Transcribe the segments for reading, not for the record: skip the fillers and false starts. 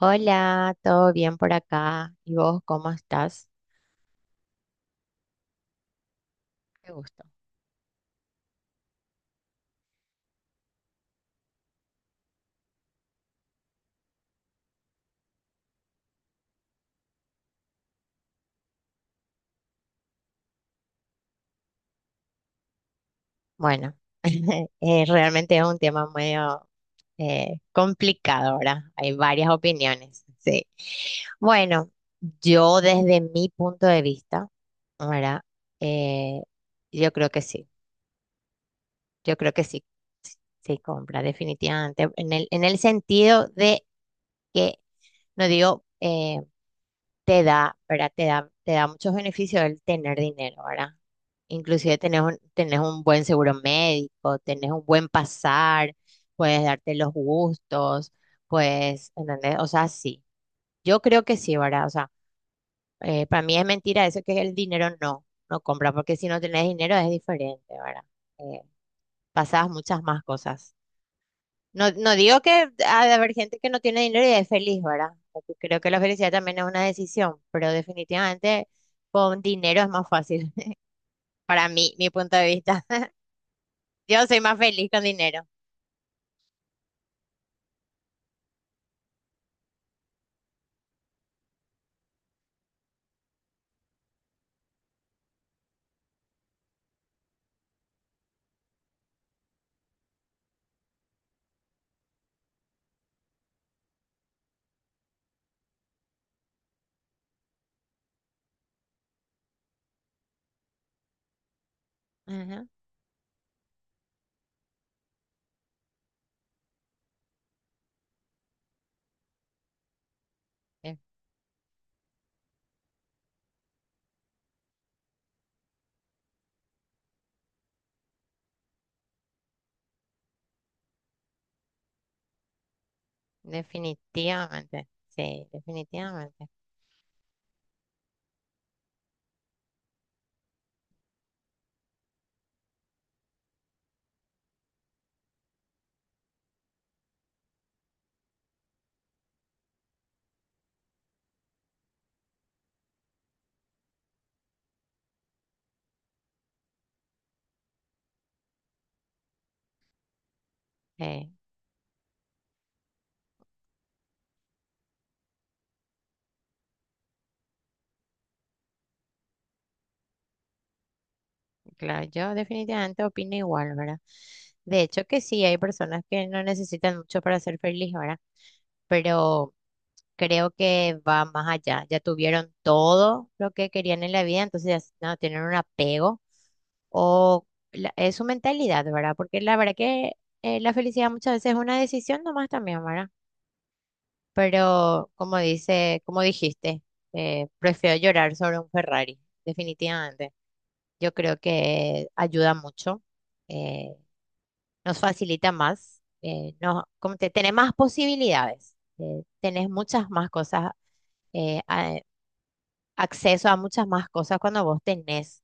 Hola, ¿todo bien por acá? ¿Y vos cómo estás? Qué gusto. Bueno, realmente es un tema medio complicado, ahora. Hay varias opiniones, sí. Bueno, yo desde mi punto de vista, ¿verdad? Eh, yo creo que sí, yo creo que sí, sí compra, definitivamente, en en el sentido de que, no digo... te da, ¿verdad? Te da muchos beneficios el tener dinero, ¿verdad? Inclusive tenés un buen seguro médico, tenés un buen pasar, puedes darte los gustos, pues, ¿entendés? O sea, sí. Yo creo que sí, ¿verdad? O sea, para mí es mentira eso que el dinero no compra, porque si no tenés dinero es diferente, ¿verdad? Eh, pasás muchas más cosas. No, digo que ha de haber gente que no tiene dinero y es feliz, ¿verdad? Porque creo que la felicidad también es una decisión, pero definitivamente con dinero es más fácil, para mí, mi punto de vista. Yo soy más feliz con dinero. Ajá, de- definitivamente, sí, definitivamente. Sí. Claro, yo definitivamente opino igual, ¿verdad? De hecho que sí, hay personas que no necesitan mucho para ser feliz, ¿verdad? Pero creo que va más allá. Ya tuvieron todo lo que querían en la vida, entonces ya no tienen un apego o es su mentalidad, ¿verdad? Porque la verdad que la felicidad muchas veces es una decisión nomás también, ¿verdad? Pero como dice, como dijiste, prefiero llorar sobre un Ferrari, definitivamente. Yo creo que ayuda mucho, eh, nos facilita más, no, como te, tenés más posibilidades, tenés muchas más cosas, eh, a- acceso a muchas más cosas cuando vos tenés,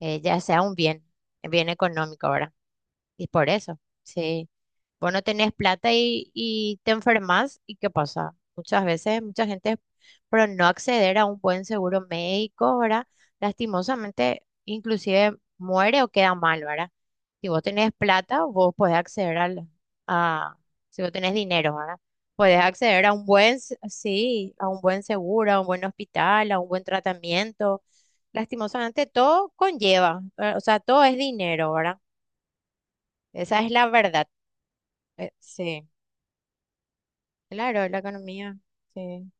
ya sea un bien, bien económico, ahora. Y por eso, si vos no tenés plata y te enfermas, ¿y qué pasa? Muchas veces, mucha gente, por no acceder a un buen seguro médico, ¿verdad? Lastimosamente, inclusive muere o queda mal, ¿verdad? Si vos tenés plata, vos podés acceder al, a, si vos tenés dinero, ¿verdad? Podés acceder a un buen, s- sí, a un buen seguro, a un buen hospital, a un buen tratamiento. Lastimosamente, todo conlleva, o sea, todo es dinero, ¿verdad? Esa es la verdad. Sí, claro, la economía, sí.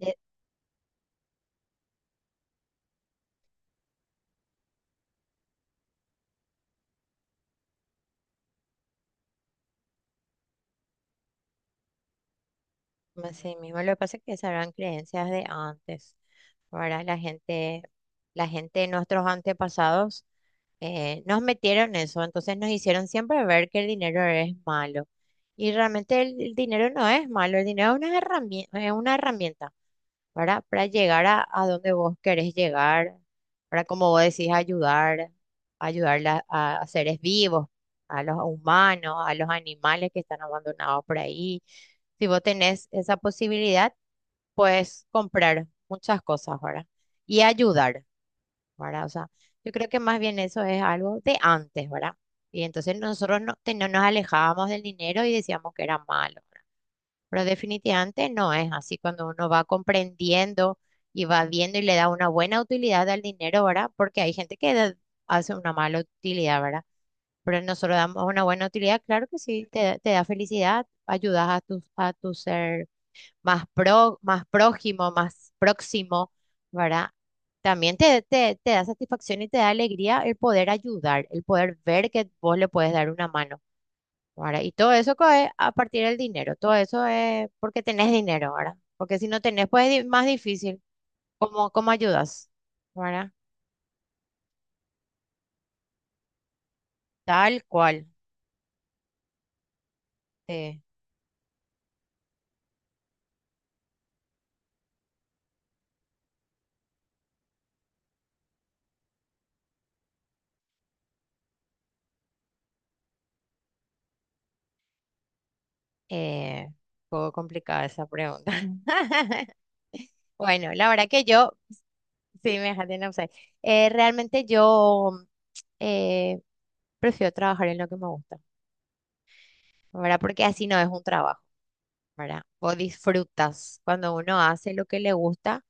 Eh, así mismo, lo que pasa es que esas eran creencias de antes. Ahora la gente de nuestros antepasados nos metieron eso, entonces nos hicieron siempre ver que el dinero es malo. Y realmente el dinero no es malo, el dinero es una herramienta, ¿verdad? Para llegar a donde vos querés llegar, para como vos decís, ayudar, ayudar a seres vivos, a los humanos, a los animales que están abandonados por ahí. Si vos tenés esa posibilidad, puedes comprar muchas cosas, ¿verdad? Y ayudar. ¿Verdad? O sea, yo creo que más bien eso es algo de antes, ¿verdad? Y entonces nosotros no, no nos alejábamos del dinero y decíamos que era malo, ¿verdad? Pero definitivamente no es así cuando uno va comprendiendo y va viendo y le da una buena utilidad al dinero, ¿verdad? Porque hay gente que hace una mala utilidad, ¿verdad? Pero nosotros damos una buena utilidad, claro que sí, te da felicidad, ayudas a tu ser más, pro, más prójimo, más próximo, ¿verdad? También te da satisfacción y te da alegría el poder ayudar, el poder ver que vos le puedes dar una mano, ¿verdad? Y todo eso es a partir del dinero, todo eso es porque tenés dinero, ¿verdad? Porque si no tenés, pues es más difícil. ¿Cómo, cómo ayudas? ¿Verdad? Tal cual. Sí. Un poco complicada esa pregunta. Bueno, la verdad que yo. Sí, me dejaste en offside. Realmente yo eh, prefiero trabajar en lo que me gusta, ¿verdad? Porque así no es un trabajo, ¿verdad? Vos disfrutas cuando uno hace lo que le gusta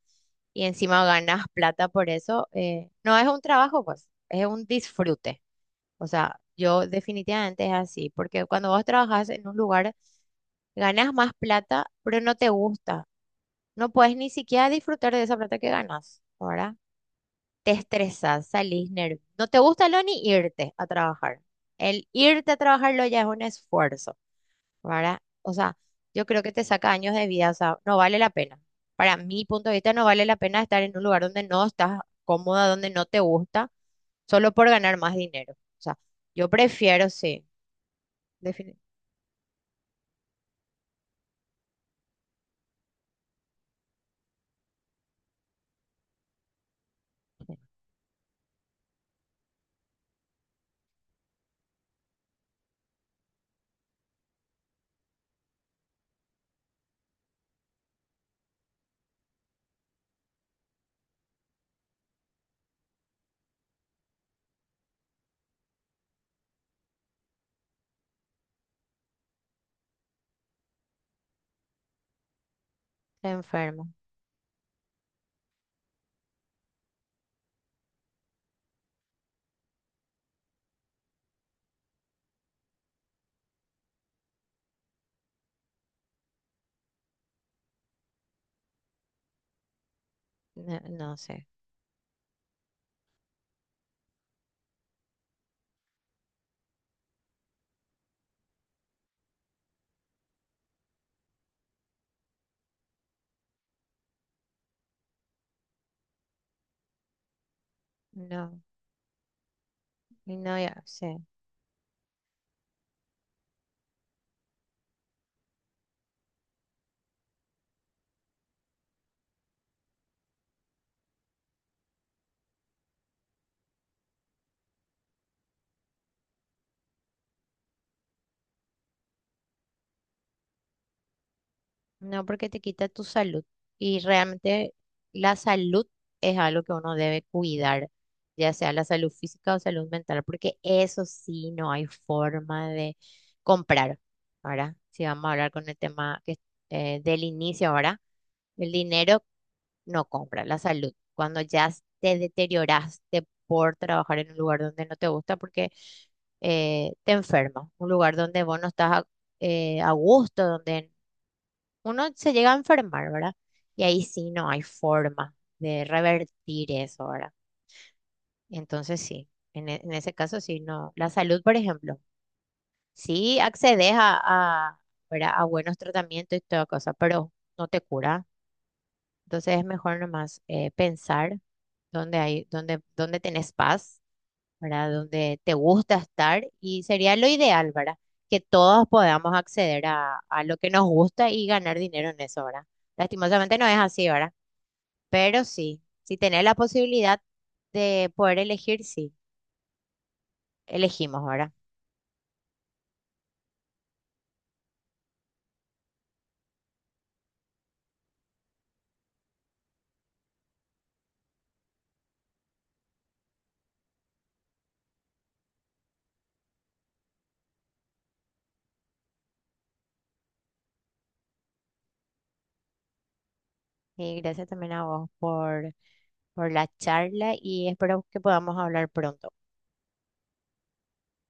y encima ganas plata por eso. No es un trabajo, pues, es un disfrute. O sea, yo definitivamente es así, porque cuando vos trabajas en un lugar, ganas más plata, pero no te gusta. No puedes ni siquiera disfrutar de esa plata que ganas, ¿verdad? Te estresas, salís nervioso. No te gusta lo ni irte a trabajar. El irte a trabajarlo ya es un esfuerzo, ¿verdad? O sea, yo creo que te saca años de vida, o sea, no vale la pena. Para mi punto de vista, no vale la pena estar en un lugar donde no estás cómoda, donde no te gusta, solo por ganar más dinero. O sea, yo prefiero, sí, definitivamente. Enfermo, no, no sé, no, y no, ya, sí. No, porque te quita tu salud. Y realmente la salud es algo que uno debe cuidar, ya sea la salud física o salud mental, porque eso sí no hay forma de comprar. Ahora, si vamos a hablar con el tema que, del inicio ahora, el dinero no compra la salud. Cuando ya te deterioraste por trabajar en un lugar donde no te gusta, porque te enfermas, un lugar donde vos no estás a gusto, donde uno se llega a enfermar, ¿verdad? Y ahí sí no hay forma de revertir eso, ¿verdad? Entonces sí, en, en ese caso sí, no. La salud, por ejemplo, sí accedes a, ¿verdad? A buenos tratamientos y toda cosa, pero no te cura. Entonces es mejor nomás pensar dónde hay, dónde, dónde tenés paz, ¿verdad? Dónde te gusta estar y sería lo ideal, ¿verdad? Que todos podamos acceder a lo que nos gusta y ganar dinero en eso, ¿verdad? Lastimosamente no es así, ¿verdad? Pero sí, si tenés la posibilidad de poder elegir, sí, elegimos ahora. Y gracias también a vos por la charla y espero que podamos hablar pronto.